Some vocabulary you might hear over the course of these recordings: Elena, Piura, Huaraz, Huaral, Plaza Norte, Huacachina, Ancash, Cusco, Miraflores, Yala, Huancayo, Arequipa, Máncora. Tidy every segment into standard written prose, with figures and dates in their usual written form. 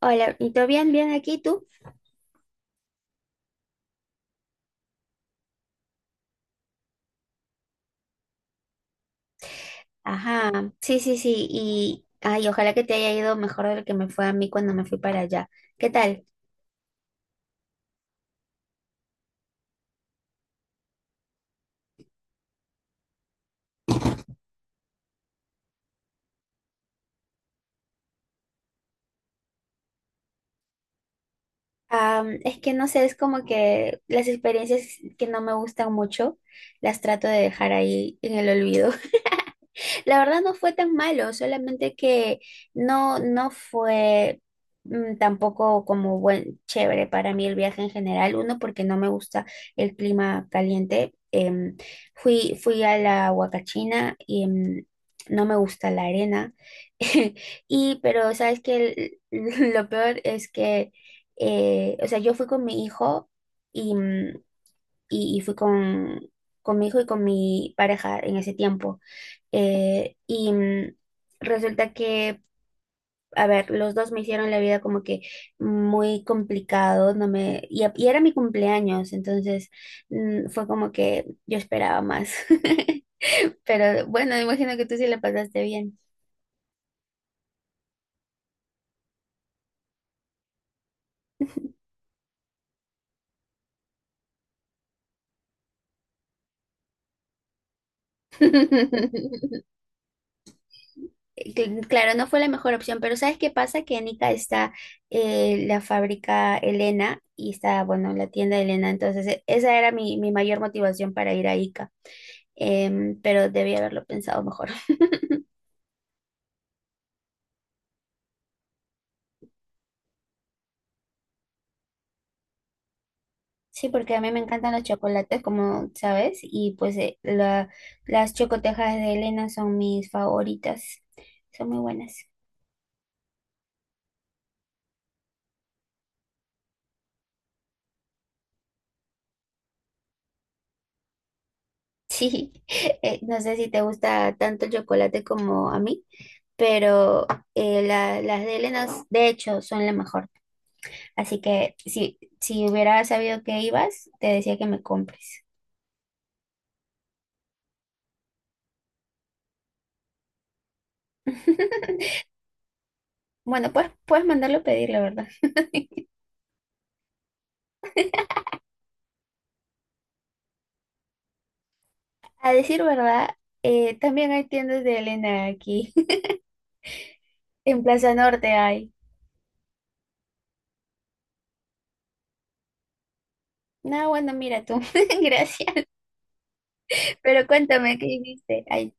Hola, ¿y todo bien? ¿Bien aquí tú? Ajá, sí, sí, sí, y ay, ojalá que te haya ido mejor de lo que me fue a mí cuando me fui para allá. ¿Qué tal? Es que no sé, es como que las experiencias que no me gustan mucho las trato de dejar ahí en el olvido. La verdad no fue tan malo, solamente que no, no fue tampoco como buen chévere para mí el viaje en general. Uno, porque no me gusta el clima caliente. Fui a la Huacachina y no me gusta la arena. Y, pero, ¿sabes que lo peor es que, o sea, yo fui con mi hijo y, mm, y, y fui con mi hijo y con mi pareja en ese tiempo. Y resulta que, a ver, los dos me hicieron la vida como que muy complicado, no me, y, y era mi cumpleaños, entonces fue como que yo esperaba más. Pero bueno, me imagino que tú sí la pasaste bien. Claro, no fue la mejor opción, pero ¿sabes qué pasa? Que en Ica está la fábrica Elena y está, bueno, la tienda de Elena, entonces esa era mi mayor motivación para ir a Ica. Pero debía haberlo pensado mejor. Sí, porque a mí me encantan los chocolates, como sabes, y pues las chocotejas de Elena son mis favoritas, son muy buenas. Sí, no sé si te gusta tanto el chocolate como a mí, pero las de Elena, de hecho, son la mejor. Así que si hubiera sabido que ibas, te decía que me compres. Bueno, pues puedes mandarlo a pedir, la verdad. A decir verdad, también hay tiendas de Elena aquí. En Plaza Norte hay. No, bueno, mira tú. Gracias. Pero cuéntame, ¿qué viste? Ay,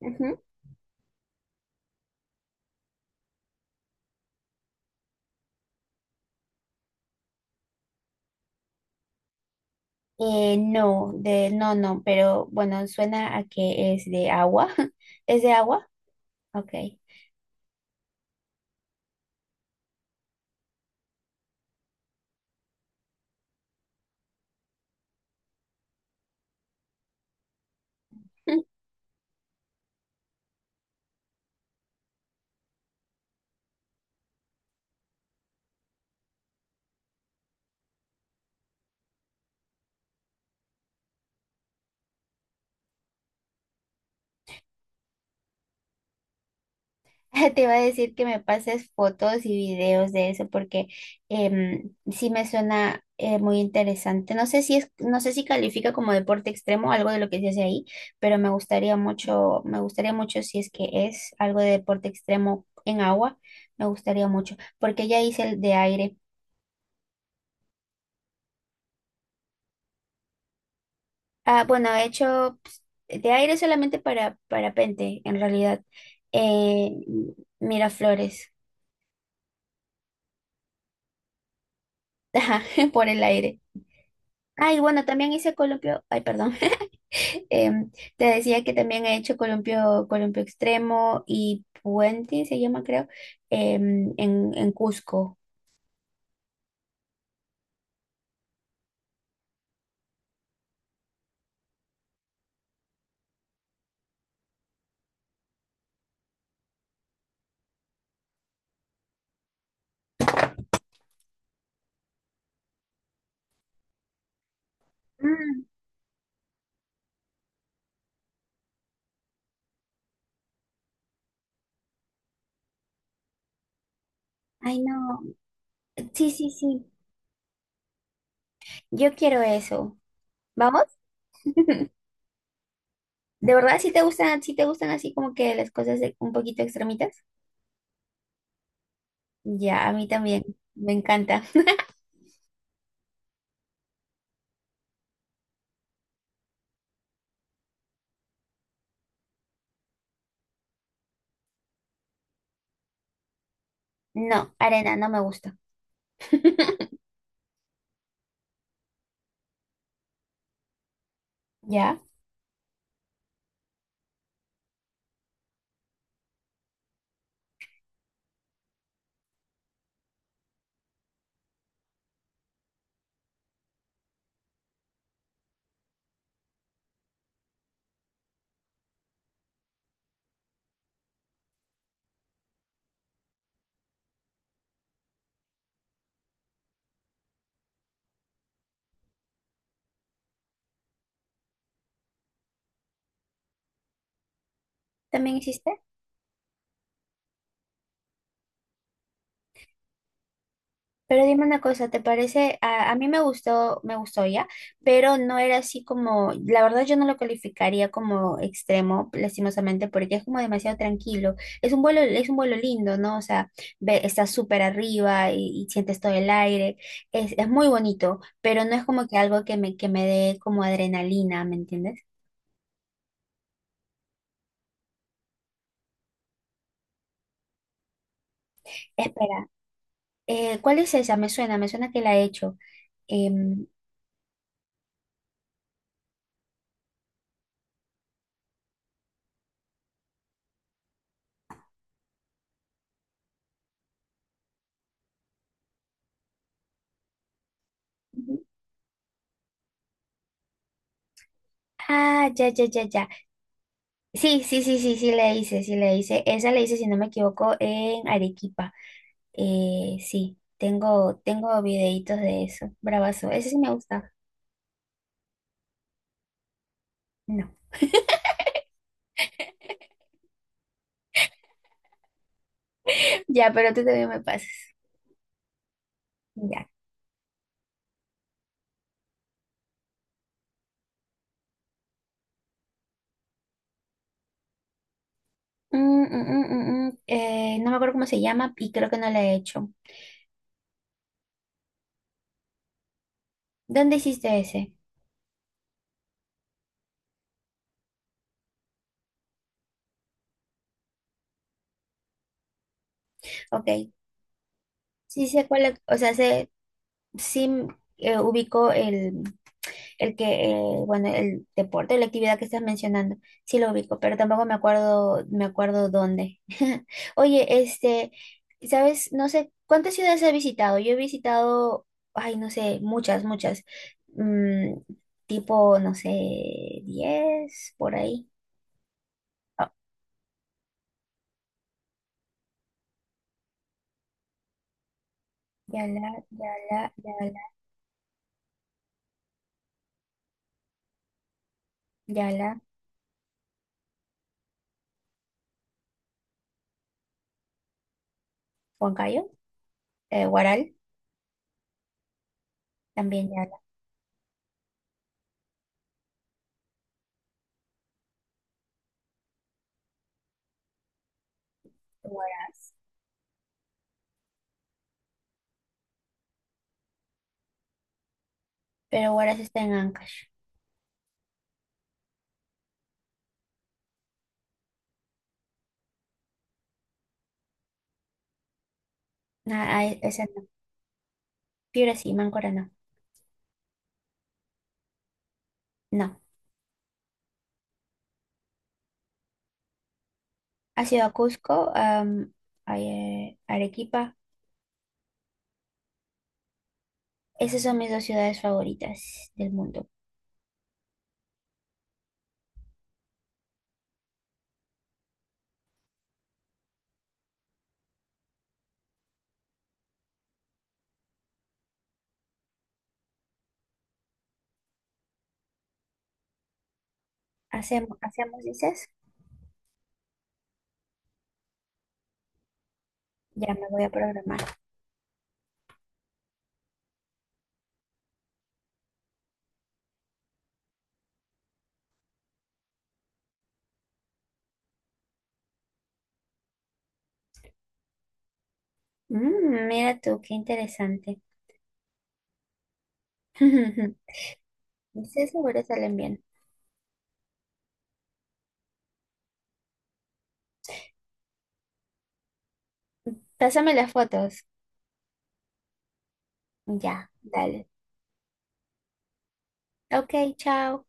ujú. No, no, no, pero bueno, suena a que es de agua. ¿Es de agua? Ok. Te iba a decir que me pases fotos y videos de eso porque sí me suena muy interesante. No sé si califica como deporte extremo algo de lo que se hace ahí, pero me gustaría mucho si es que es algo de deporte extremo en agua, me gustaría mucho, porque ya hice el de aire. Ah, bueno, he hecho pues, de aire solamente para parapente, en realidad. Eh, Miraflores. Ajá, por el aire. Ay, bueno, también hice columpio. Ay, perdón. Em, te decía que también he hecho columpio, columpio extremo y puente, se llama creo, en Cusco. Mm, ay, no. Sí, sí, sí. Yo quiero eso. ¿Vamos? ¿De verdad si te gustan, así como que las cosas un poquito extremitas? Ya, a mí también. Me encanta. No, arena no me gusta. ¿Ya? ¿También hiciste? Pero dime una cosa, ¿te parece? A mí me gustó, ya, pero no era así como, la verdad yo no lo calificaría como extremo, lastimosamente, porque es como demasiado tranquilo. Es un vuelo lindo, ¿no? O sea, ve, estás súper arriba y, sientes todo el aire. Es muy bonito, pero no es como que algo que me, dé como adrenalina, ¿me entiendes? Espera, ¿cuál es esa? Me suena que la he hecho. Em, ah, ya, ya, ya, ya. Sí, sí, sí, sí, sí le hice, sí le hice. Esa le hice, si no me equivoco, en Arequipa. Sí, tengo videitos de eso. Bravazo. Ese sí me gusta. No. Ya, pero tú también me pasas. Ya. Mm. No me acuerdo cómo se llama y creo que no la he hecho. ¿Dónde hiciste ese? Ok. Sí sé cuál, o sea, sé, sí ubico El que, eh, bueno, el deporte, la actividad que estás mencionando, sí lo ubico, pero tampoco me acuerdo dónde. Oye, sabes, no sé, ¿cuántas ciudades has visitado? Yo he visitado, ay, no sé, muchas, muchas, Mm, tipo, no sé, 10 por ahí. Oh, Yala, Yala, Yala, Yala, Huancayo, Huaral, también Yala, Huaraz, pero Huaraz está en Ancash. Ah, ah, esa no, Piura sí, Máncora no. No. ¿Has ido a Cusco, a Arequipa? Esas son mis dos ciudades favoritas del mundo. ¿Hacemos, dices? Ya me voy a programar. Mira tú, qué interesante. Estoy seguro salen bien. Pásame las fotos. Ya, dale. Ok, chao.